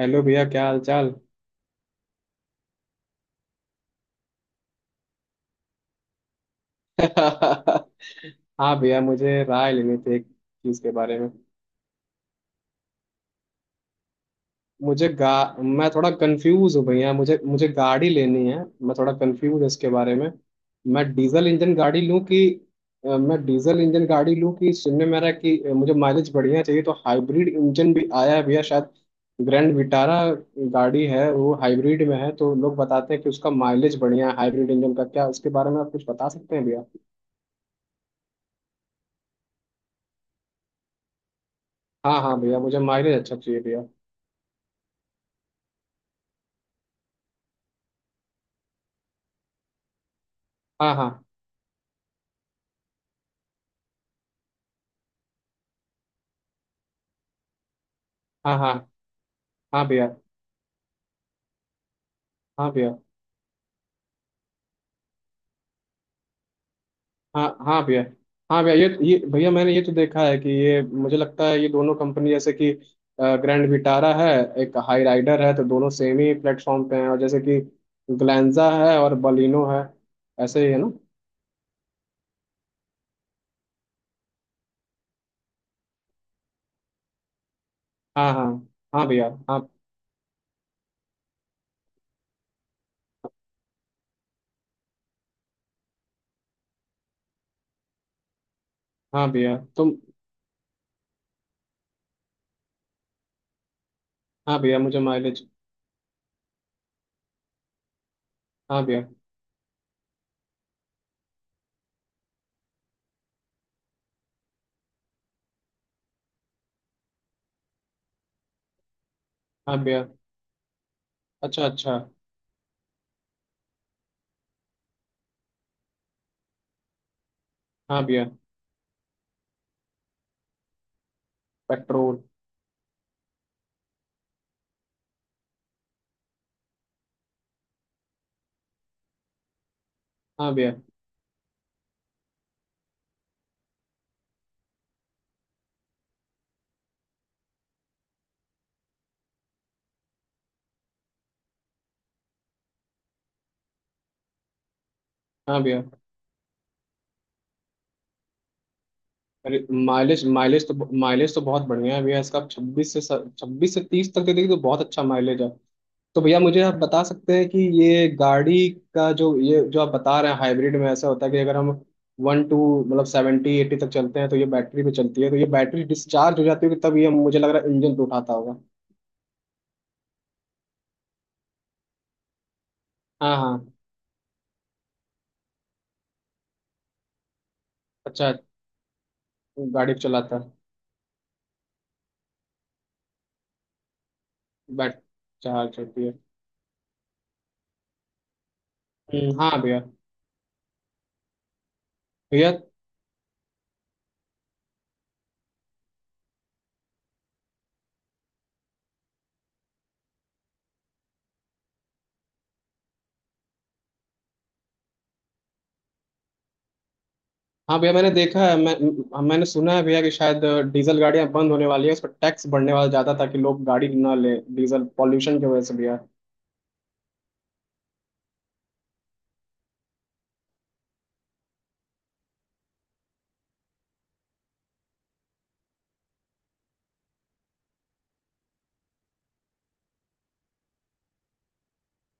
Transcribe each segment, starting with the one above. Hello भैया, क्या हाल चाल। हाँ भैया, मुझे राय लेनी थी एक चीज के बारे में। मुझे गा मैं थोड़ा कंफ्यूज हूँ भैया। मुझे मुझे गाड़ी लेनी है। मैं थोड़ा कंफ्यूज हूँ इसके बारे में। मैं डीजल इंजन गाड़ी लूँ कि मैं डीजल इंजन गाड़ी लूँ कि सुनने में आ रहा है कि मुझे माइलेज बढ़िया चाहिए, तो हाइब्रिड इंजन भी आया है भैया शायद। ग्रैंड विटारा गाड़ी है, वो हाइब्रिड में है। तो लोग बताते हैं कि उसका माइलेज बढ़िया है। हाइब्रिड इंजन का क्या, उसके बारे में आप कुछ बता सकते हैं भैया? हाँ हाँ भैया, मुझे माइलेज अच्छा चाहिए भैया। हाँ। हाँ। हाँ। हाँ। हाँ भैया। हाँ भैया। हाँ हाँ भैया। हाँ भैया। ये भैया, मैंने ये तो देखा है कि ये मुझे लगता है ये दोनों कंपनी जैसे कि ग्रैंड विटारा है, एक हाई राइडर है, तो दोनों सेम ही प्लेटफॉर्म पे हैं। और जैसे कि ग्लैंजा है और बलिनो है, ऐसे ही है ना। हाँ। हाँ। हाँ भैया। हाँ हाँ भैया। तुम। हाँ भैया। मुझे माइलेज। हाँ भैया। हाँ भैया। अच्छा अच्छा। हाँ भैया। पेट्रोल। हाँ भैया। हाँ भैया। अरे, माइलेज माइलेज तो बहुत बढ़िया है भैया। इसका छब्बीस से 30 तक दे देगी, तो बहुत अच्छा माइलेज है। तो भैया, मुझे आप बता सकते हैं कि ये गाड़ी का जो, ये जो आप बता रहे हैं हाइब्रिड में, ऐसा होता है कि अगर हम वन टू मतलब 70 80 तक चलते हैं तो ये बैटरी पे चलती है, तो ये बैटरी डिस्चार्ज हो जाती है, कि तब ये मुझे लग रहा है इंजन पे उठाता होगा। हाँ हाँ। अच्छा। गाड़ी को चलाता है। बैट चार्ज होती है। हाँ भैया। भैया। हाँ भैया, मैंने देखा है, मैंने सुना है भैया कि शायद डीजल गाड़ियां बंद होने वाली है, उस पर टैक्स बढ़ने वाला ज्यादा ताकि लोग गाड़ी ना ले, डीजल पॉल्यूशन की वजह से भैया।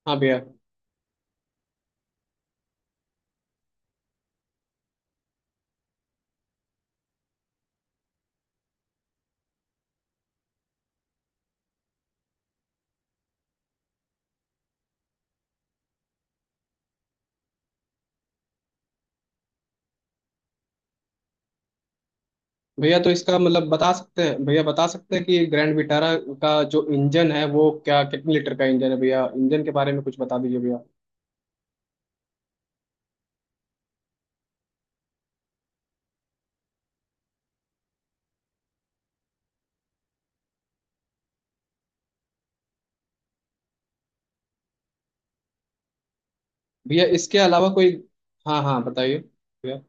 हाँ भैया। भैया, तो इसका मतलब बता सकते हैं कि ग्रैंड विटारा का जो इंजन है, वो क्या, कितने लीटर का इंजन है भैया? इंजन के बारे में कुछ बता दीजिए भैया। भैया, इसके अलावा कोई? हाँ हाँ बताइए भैया।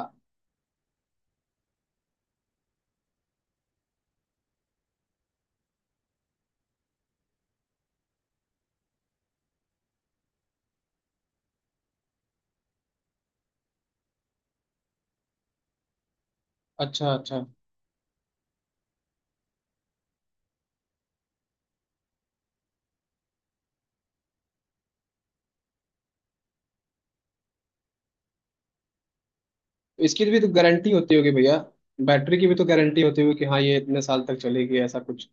अ- अच्छा अच्छा। इसकी भी तो गारंटी होती होगी भैया, बैटरी की भी तो गारंटी होती होगी कि हाँ, ये इतने साल तक चलेगी, ऐसा कुछ।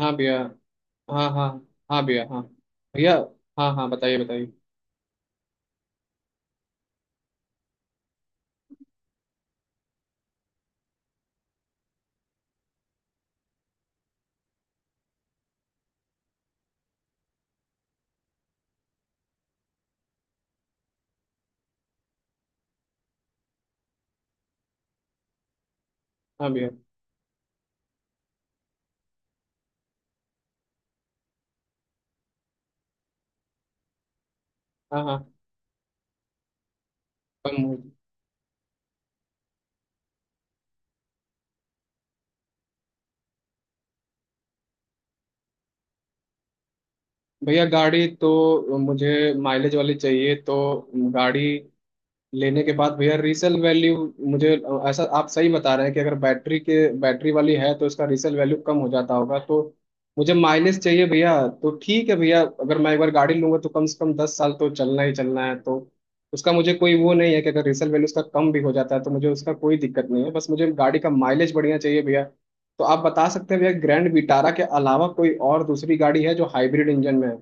हाँ भैया। हाँ हाँ। हाँ भैया। हाँ भैया। हाँ हाँ बताइए बताइए। हाँ भैया। हाँ हाँ। कम हो- भैया, गाड़ी तो मुझे माइलेज वाली चाहिए। तो गाड़ी लेने के बाद भैया, रीसेल वैल्यू मुझे, ऐसा आप सही बता रहे हैं कि अगर बैटरी वाली है तो इसका रीसेल वैल्यू कम हो जाता होगा। तो मुझे माइलेज चाहिए भैया, तो ठीक है भैया। अगर मैं एक बार गाड़ी लूंगा तो कम से कम 10 साल तो चलना ही चलना है। तो उसका मुझे कोई वो नहीं है कि अगर रीसेल वैल्यू उसका कम भी हो जाता है तो मुझे उसका कोई दिक्कत नहीं है, बस मुझे गाड़ी का माइलेज बढ़िया चाहिए भैया। तो आप बता सकते हैं भैया, ग्रैंड विटारा के अलावा कोई और दूसरी गाड़ी है जो हाइब्रिड इंजन में है?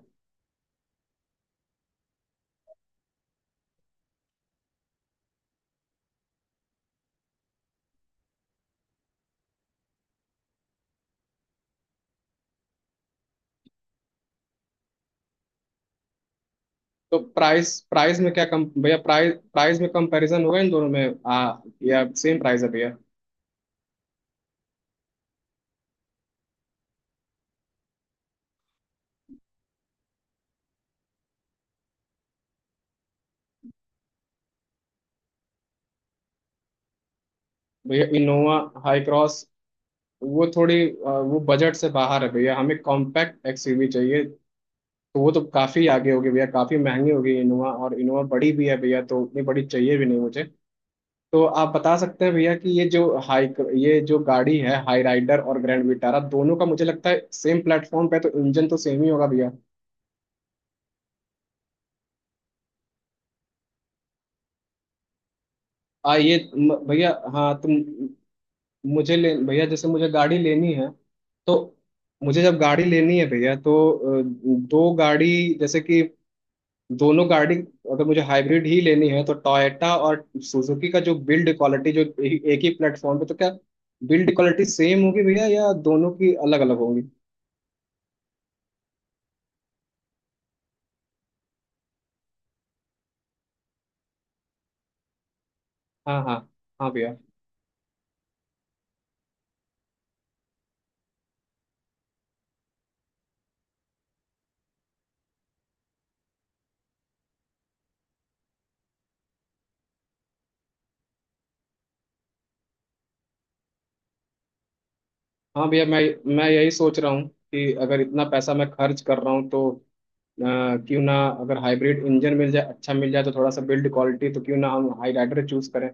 तो प्राइस प्राइस में क्या कम भैया प्राइस प्राइस में कंपैरिजन होगा इन दोनों में, या सेम प्राइस है भैया? भैया, इनोवा हाई क्रॉस। वो थोड़ी वो बजट से बाहर है भैया, हमें कॉम्पैक्ट एक्सयूवी चाहिए। तो वो तो काफ़ी आगे होगी भैया, काफ़ी महंगी होगी इनोवा। और इनोवा बड़ी भी है भैया, तो उतनी बड़ी चाहिए भी नहीं मुझे। तो आप बता सकते हैं भैया कि हाई ये जो गाड़ी है, हाई राइडर और ग्रैंड विटारा, दोनों का मुझे लगता है सेम प्लेटफॉर्म पे है, तो इंजन तो सेम ही होगा भैया। भैया, हाँ। तुम मुझे ले भैया, जैसे मुझे गाड़ी लेनी है तो मुझे जब गाड़ी लेनी है भैया, तो अ, दो गाड़ी जैसे कि दोनों गाड़ी, अगर मुझे हाइब्रिड ही लेनी है, तो टोयोटा और सुजुकी का जो बिल्ड क्वालिटी जो एक ही प्लेटफॉर्म पे, तो क्या बिल्ड क्वालिटी सेम होगी भैया या दोनों की अलग अलग होंगी? हाँ हाँ। हाँ भैया। हाँ भैया, मैं यही सोच रहा हूँ कि अगर इतना पैसा मैं खर्च कर रहा हूँ, तो क्यों ना, अगर हाइब्रिड इंजन मिल जाए, अच्छा मिल जाए तो थोड़ा सा बिल्ड क्वालिटी, तो क्यों ना हम हाई राइडर चूज करें।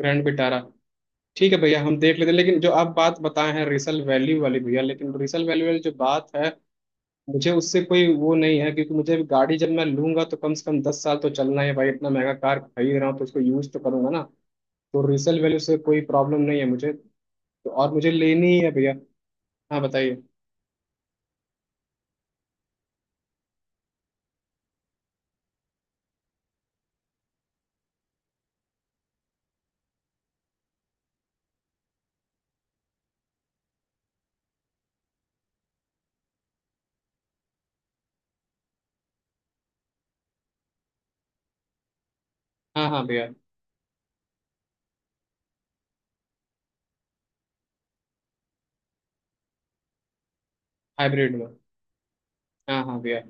Grand Vitara. ठीक है भैया, हम देख लेते हैं। लेकिन जो आप बात बताए हैं रिसल वैल्यू वाली भैया लेकिन रिसल वैल्यू वाली जो बात है, मुझे उससे कोई वो नहीं है। क्योंकि मुझे अभी गाड़ी, जब मैं लूंगा तो कम से कम दस साल तो चलना है भाई। इतना महंगा कार खरीद रहा हूँ तो उसको यूज तो करूंगा ना। तो रिसल वैल्यू से कोई प्रॉब्लम नहीं है मुझे। तो और मुझे लेनी ही है भैया। हाँ बताइए। हाँ हाँ भैया। हाइब्रिड में। हाँ हाँ भैया।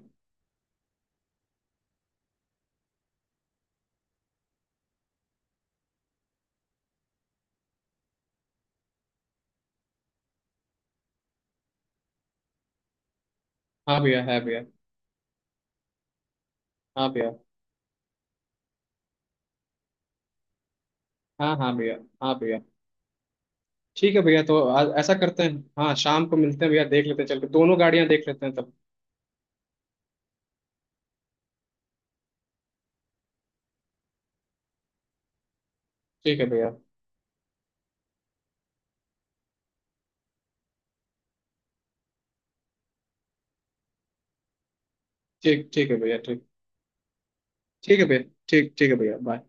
हाँ भैया है भैया। हाँ भैया। हाँ हाँ भैया। हाँ भैया। ठीक है भैया, तो आज ऐसा करते हैं, हाँ, शाम को मिलते हैं भैया। देख लेते हैं, चल के दोनों गाड़ियां देख लेते हैं तब। ठीक है भैया। ठीक ठीक है भैया। ठीक ठीक है भैया। ठीक ठीक है भैया, बाय।